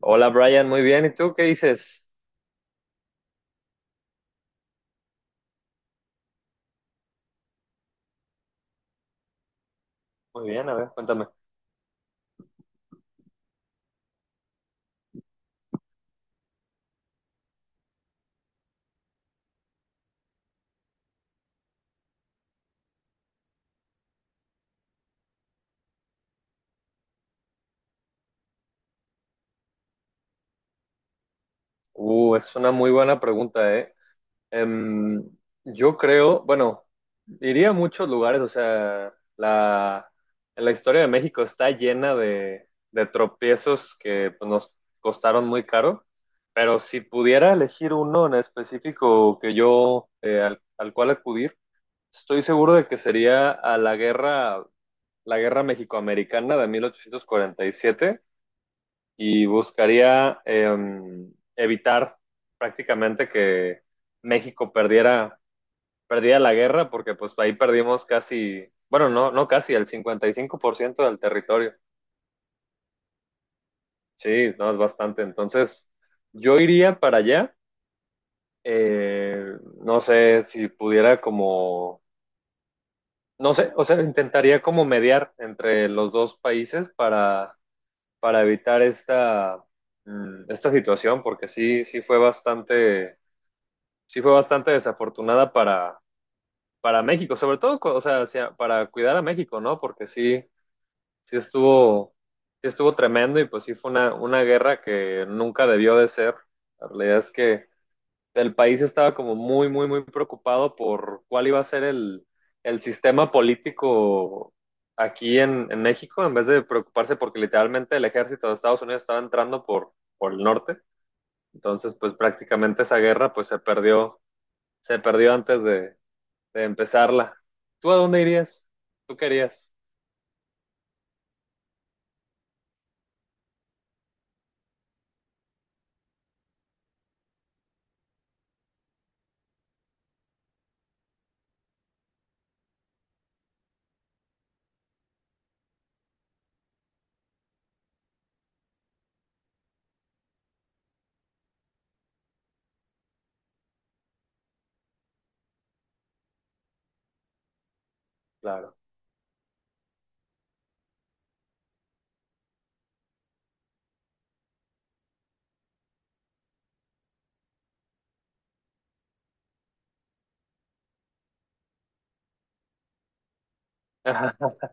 Hola Brian, muy bien. ¿Y tú qué dices? Muy bien, a ver, cuéntame. Es una muy buena pregunta, ¿eh? Em, yo creo, bueno, iría a muchos lugares, o sea, la historia de México está llena de tropiezos que pues, nos costaron muy caro, pero si pudiera elegir uno en específico que yo, al cual acudir, estoy seguro de que sería a la guerra mexicoamericana de 1847. Y buscaría evitar prácticamente que México perdiera, perdiera la guerra, porque pues ahí perdimos casi, bueno, no, no casi, el 55% del territorio. Sí, no es bastante. Entonces, yo iría para allá. eh, no sé si pudiera como, no sé, o sea, intentaría como mediar entre los dos países para evitar esta situación, porque sí, sí fue bastante desafortunada para México, sobre todo, o sea, para cuidar a México, ¿no? Porque sí, sí estuvo tremendo y pues sí fue una guerra que nunca debió de ser. La realidad es que el país estaba como muy, muy, muy preocupado por cuál iba a ser el sistema político aquí en México, en vez de preocuparse porque literalmente el ejército de Estados Unidos estaba entrando por el norte. Entonces, pues prácticamente esa guerra pues se perdió antes de empezarla. ¿Tú a dónde irías? ¿Tú querías? Claro.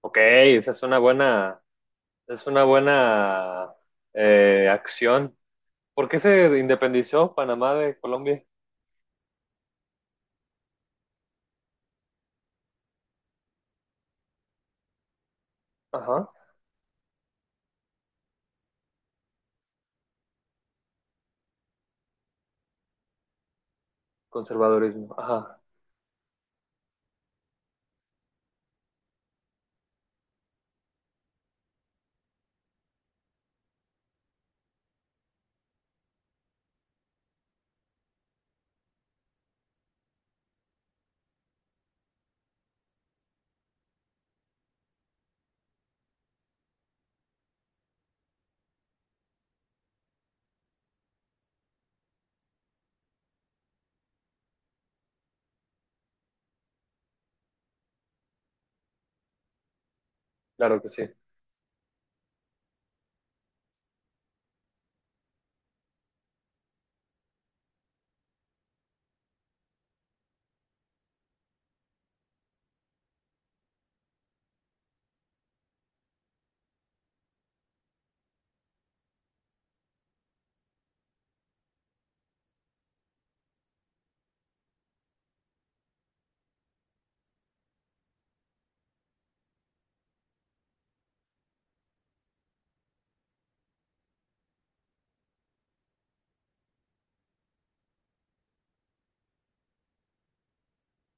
Ok, esa es una buena acción. ¿Por qué se independizó Panamá de Colombia? Ajá, conservadurismo. Ajá, claro que sí.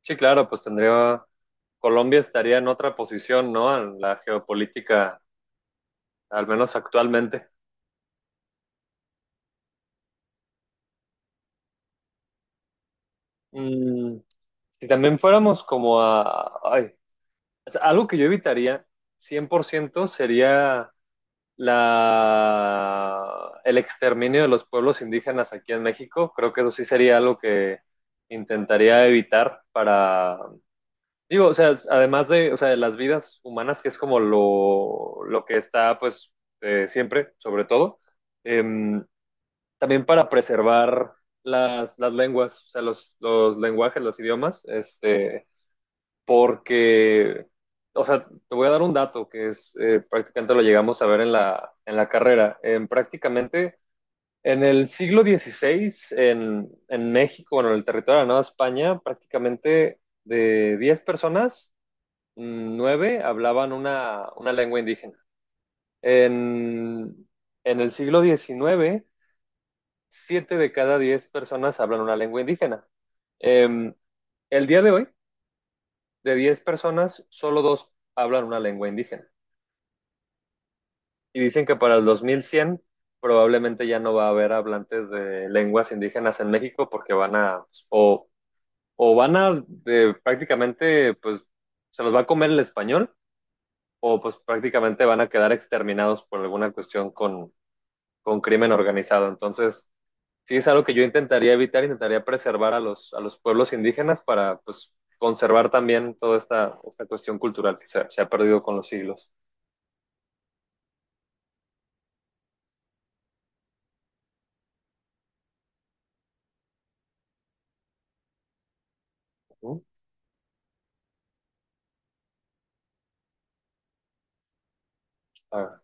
Sí, claro, Colombia estaría en otra posición, ¿no? En la geopolítica, al menos actualmente. Mm, si también fuéramos como o sea, algo que yo evitaría 100% sería el exterminio de los pueblos indígenas aquí en México. Creo que eso sí sería algo que intentaría evitar para, digo, o sea, además de, o sea, de las vidas humanas, que es como lo que está, pues, siempre, sobre todo, eh, también para preservar las lenguas, o sea, los lenguajes, los idiomas, este, porque, o sea, te voy a dar un dato que es prácticamente lo llegamos a ver en la carrera. En prácticamente en el siglo XVI, en México, bueno, en el territorio de la Nueva España, prácticamente de 10 personas, 9 hablaban una lengua indígena. En, en el siglo XIX, 7 de cada 10 personas hablan una lengua indígena. Em, el día de hoy, de 10 personas, solo dos hablan una lengua indígena. Y dicen que para el 2100 probablemente ya no va a haber hablantes de lenguas indígenas en México porque van a, pues, o van a de, prácticamente, pues se los va a comer el español o pues prácticamente van a quedar exterminados por alguna cuestión con crimen organizado. Entonces, sí es algo que yo intentaría evitar, intentaría preservar a a los pueblos indígenas para pues conservar también toda esta cuestión cultural que se ha perdido con los siglos. ¿Mm? Ah,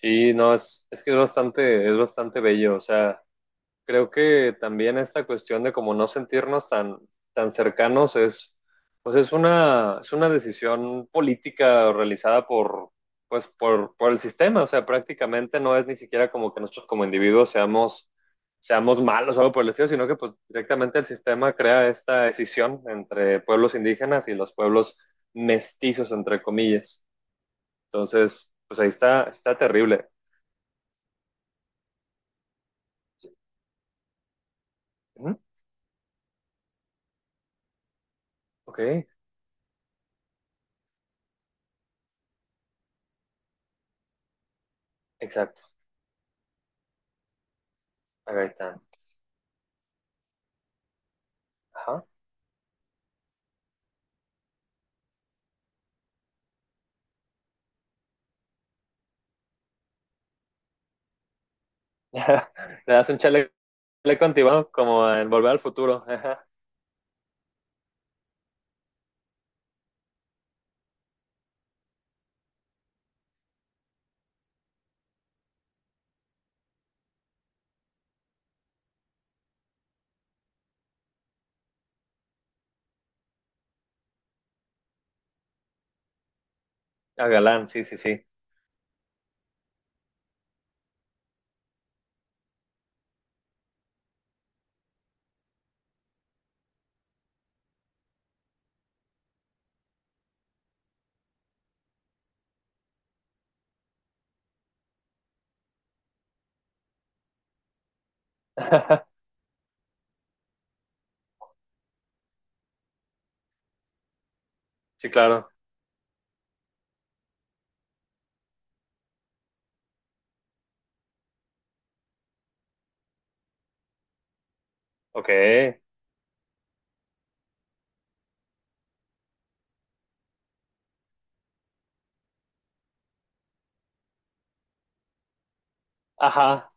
sí, no, es que es bastante bello. O sea, creo que también esta cuestión de como no sentirnos tan cercanos es, pues es una decisión política realizada por el sistema. O sea, prácticamente no es ni siquiera como que nosotros como individuos seamos malos o algo por el estilo, sino que pues directamente el sistema crea esta decisión entre pueblos indígenas y los pueblos mestizos, entre comillas. Entonces, pues ahí está terrible. Ok, exacto. A Gaitán. Ajá. Le das un chaleco antiguo como en Volver al Futuro. Ajá. A Galán, sí, sí, sí. Sí, claro. Ok. Ajá,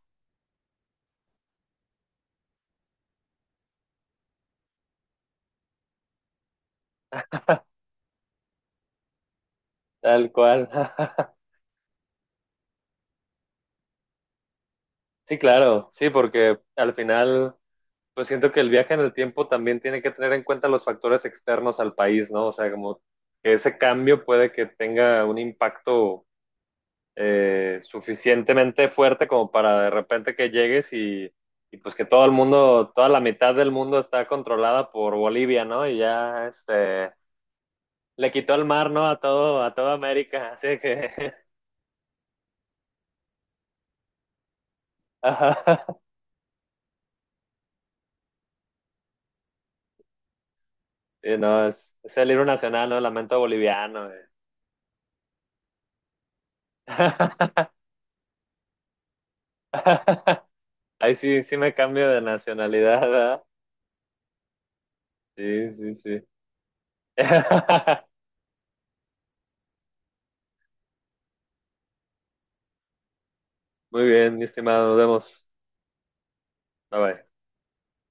tal cual. Sí, claro. Sí, porque al final, pues siento que el viaje en el tiempo también tiene que tener en cuenta los factores externos al país, ¿no? O sea, como que ese cambio puede que tenga un impacto suficientemente fuerte como para de repente que llegues y, pues que toda la mitad del mundo está controlada por Bolivia, ¿no? Y ya este, le quitó el mar, ¿no? A toda América, así que... Ajá. Sí, no, es, el libro nacional, ¿no? Lamento boliviano. Ahí sí, sí me cambio de nacionalidad, ¿verdad? Sí, sí, sí. Muy bien, mi estimado, nos vemos. Bye bye.